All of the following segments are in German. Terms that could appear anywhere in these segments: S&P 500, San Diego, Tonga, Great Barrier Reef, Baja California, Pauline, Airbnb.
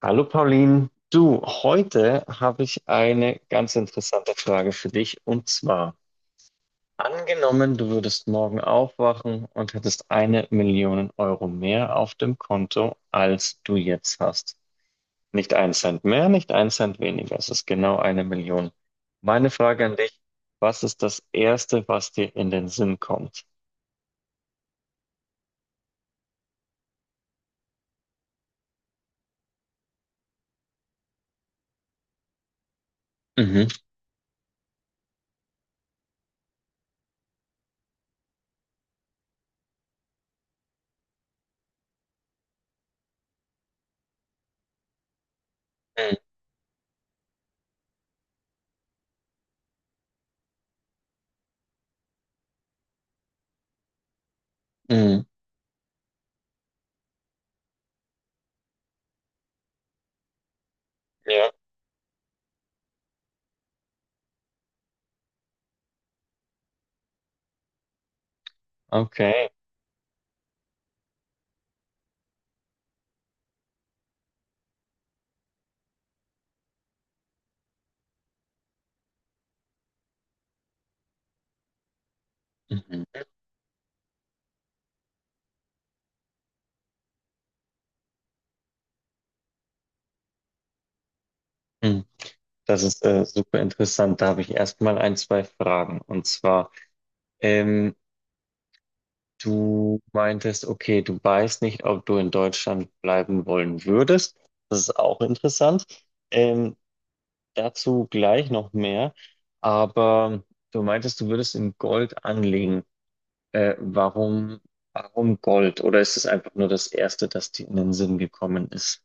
Hallo Pauline, du, heute habe ich eine ganz interessante Frage für dich und zwar, angenommen, du würdest morgen aufwachen und hättest eine Million Euro mehr auf dem Konto, als du jetzt hast. Nicht ein Cent mehr, nicht ein Cent weniger, es ist genau eine Million. Meine Frage an dich, was ist das Erste, was dir in den Sinn kommt? Mhm. Mhm. Mhm. Ja, okay. Mhm. Das ist super interessant. Da habe ich erstmal ein, zwei Fragen. Und zwar, ähm, du meintest, okay, du weißt nicht, ob du in Deutschland bleiben wollen würdest. Das ist auch interessant. Ähm, dazu gleich noch mehr. Aber du meintest, du würdest in Gold anlegen. Äh, warum, warum Gold? Oder ist es einfach nur das Erste, das dir in den Sinn gekommen ist?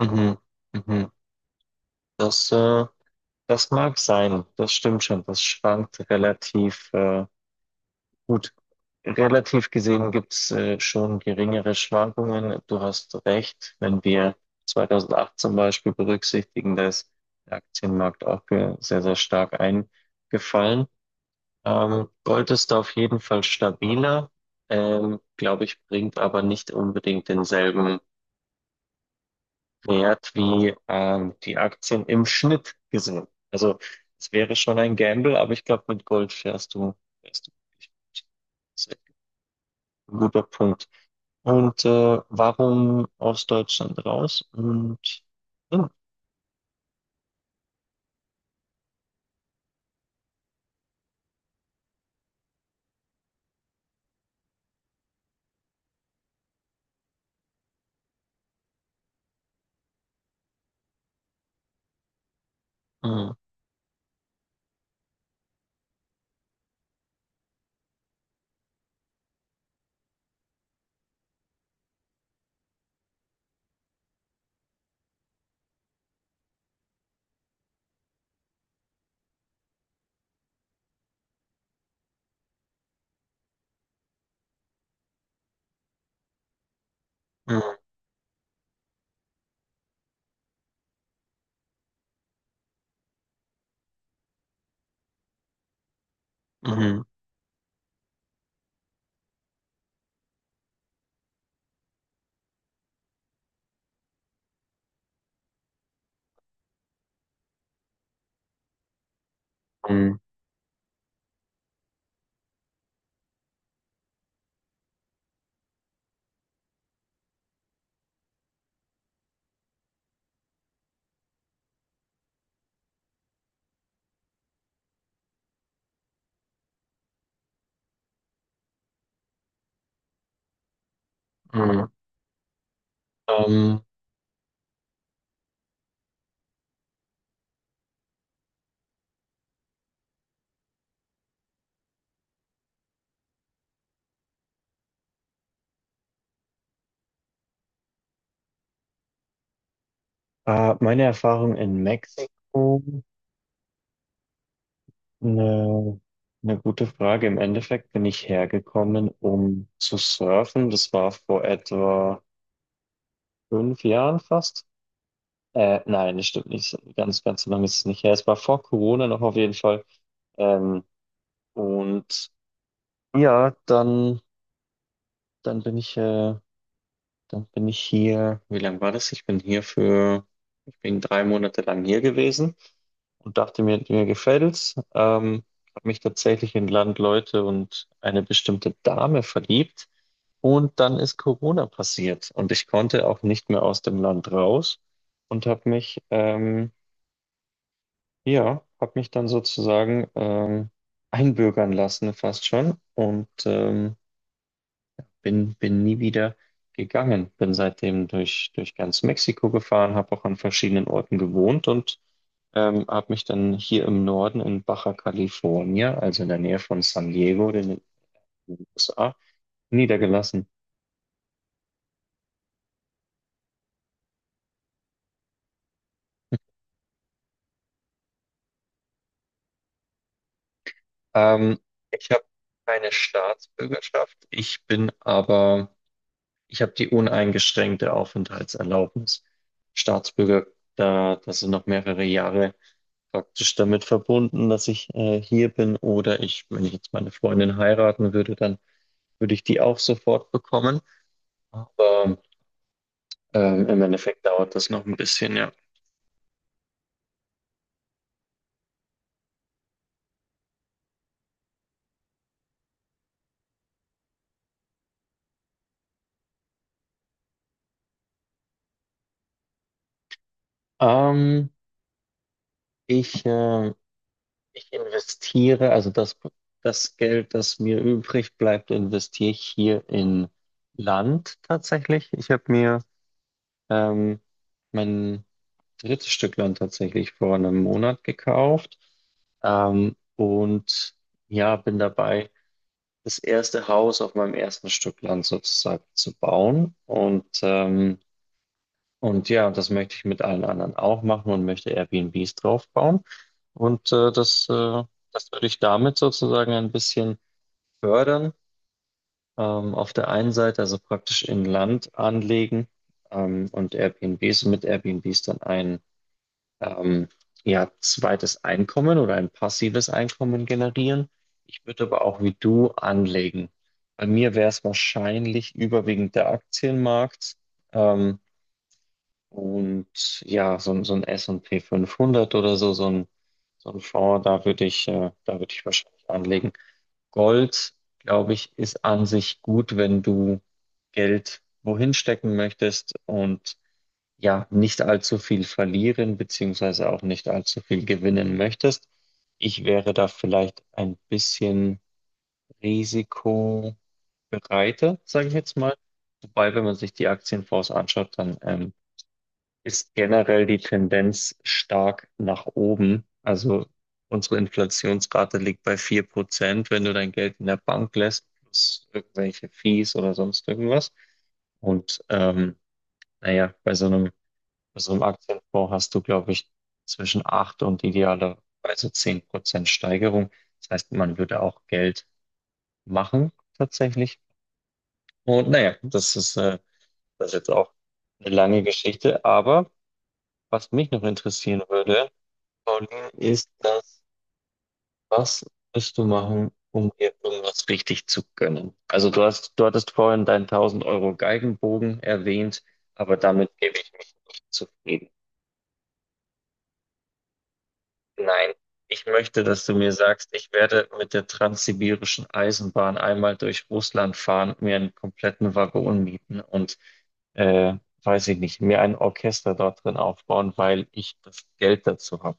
Mhm. Mhm. Das äh, Das mag sein, das stimmt schon. Das schwankt relativ gut. Relativ gesehen gibt's schon geringere Schwankungen. Du hast recht, wenn wir 2008 zum Beispiel berücksichtigen, da ist der Aktienmarkt auch sehr, sehr stark eingefallen. Gold ist da auf jeden Fall stabiler, glaube ich, bringt aber nicht unbedingt denselben wert wie die Aktien im Schnitt gesehen. Also es wäre schon ein Gamble, aber ich glaube, mit Gold fährst du wirklich gut. Das ist echt ein guter Punkt. Und warum aus Deutschland raus? Und ja, mhm, mhm, mhm, mhm. Ähm, meine Erfahrung in Mexiko, eine, eine gute Frage. Im Endeffekt bin ich hergekommen, um zu surfen. Das war vor etwa 5 Jahren fast. Nein, das stimmt nicht. Ganz, ganz so lange ist es nicht her. Es war vor Corona noch auf jeden Fall. Ähm, und ja, dann bin ich, äh, dann bin ich hier. Wie lange war das? Ich bin 3 Monate lang hier gewesen und dachte mir, mir gefällt's. Habe mich tatsächlich in Landleute und eine bestimmte Dame verliebt. Und dann ist Corona passiert und ich konnte auch nicht mehr aus dem Land raus und Ja, habe mich dann sozusagen einbürgern lassen, fast schon, und bin nie wieder gegangen. Bin seitdem durch ganz Mexiko gefahren, habe auch an verschiedenen Orten gewohnt und habe mich dann hier im Norden in Baja California, also in der Nähe von San Diego, den USA, niedergelassen. Ähm, ich habe keine Staatsbürgerschaft, ich bin aber Ich habe die uneingeschränkte Aufenthaltserlaubnis. Staatsbürger, da, das sind noch mehrere Jahre praktisch damit verbunden, dass ich hier bin. Oder ich, wenn ich jetzt meine Freundin heiraten würde, dann würde ich die auch sofort bekommen. Aber im Endeffekt dauert das noch ein bisschen, ja. Ähm, ich, äh, ich investiere, das Geld, das mir übrig bleibt, investiere ich hier in Land tatsächlich. Ich habe mir ähm, mein drittes Stück Land tatsächlich vor einem Monat gekauft. Und ja, bin dabei, das erste Haus auf meinem ersten Stück Land sozusagen zu bauen. Und ja, das möchte ich mit allen anderen auch machen und möchte Airbnbs draufbauen. Und äh, das, äh, das würde ich damit sozusagen ein bisschen fördern. Auf der einen Seite also praktisch in Land anlegen und Airbnbs dann ein ähm, ja, zweites Einkommen oder ein passives Einkommen generieren. Ich würde aber auch wie du anlegen. Bei mir wäre es wahrscheinlich überwiegend der Aktienmarkt ähm, und ja, so ein S&P 500 oder so, so ein Fonds, da würde ich wahrscheinlich anlegen. Gold, glaube ich, ist an sich gut, wenn du Geld wohin stecken möchtest und ja, nicht allzu viel verlieren, beziehungsweise auch nicht allzu viel gewinnen möchtest. Ich wäre da vielleicht ein bisschen risikobereiter, sage ich jetzt mal. Wobei, wenn man sich die Aktienfonds anschaut, dann ist generell die Tendenz stark nach oben. Also unsere Inflationsrate liegt bei 4%, wenn du dein Geld in der Bank lässt, plus irgendwelche Fees oder sonst irgendwas. Und naja, bei so einem also im Aktienfonds hast du, glaube ich, zwischen 8 und idealerweise 10% Steigerung. Das heißt, man würde auch Geld machen tatsächlich. Und naja, das ist jetzt auch eine lange Geschichte. Aber was mich noch interessieren würde, Pauline, ist das, was wirst du machen, um dir irgendwas richtig zu gönnen? Also du hattest vorhin deinen 1000 Euro Geigenbogen erwähnt, aber damit gebe ich mich nicht zufrieden. Nein, ich möchte, dass du mir sagst, ich werde mit der transsibirischen Eisenbahn einmal durch Russland fahren, mir einen kompletten Waggon mieten und, äh, weiß ich nicht, mir ein Orchester dort drin aufbauen, weil ich das Geld dazu habe.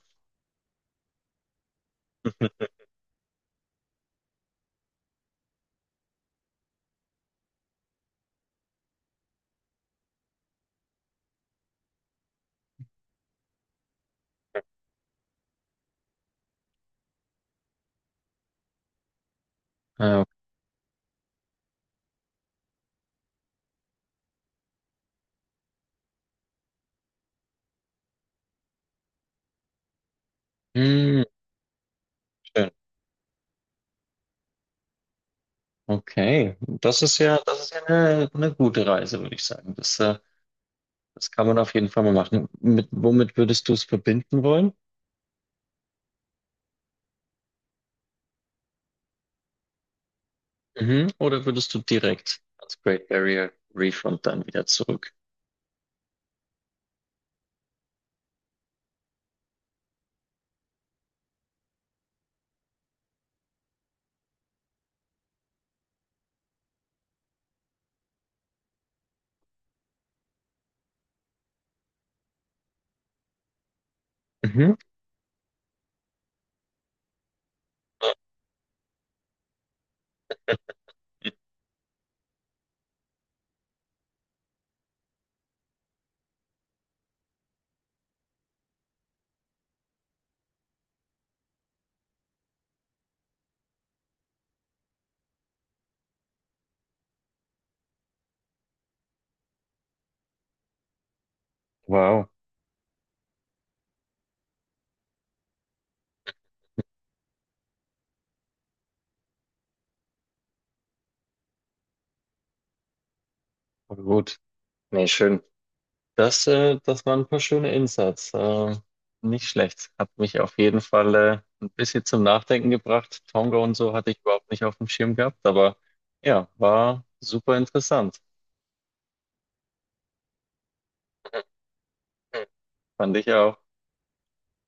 Äh, hm, schön. Okay, das ist ja eine gute Reise, würde ich sagen. Das kann man auf jeden Fall mal machen. Womit würdest du es verbinden wollen? Mhm. Oder würdest du direkt ans Great Barrier Reef und dann wieder zurück? Mhm. Wow, voll gut. Nee, schön. Das waren ein paar schöne Insights. Nicht schlecht. Hat mich auf jeden Fall ein bisschen zum Nachdenken gebracht. Tonga und so hatte ich überhaupt nicht auf dem Schirm gehabt, aber ja, war super interessant. Fand ich auch.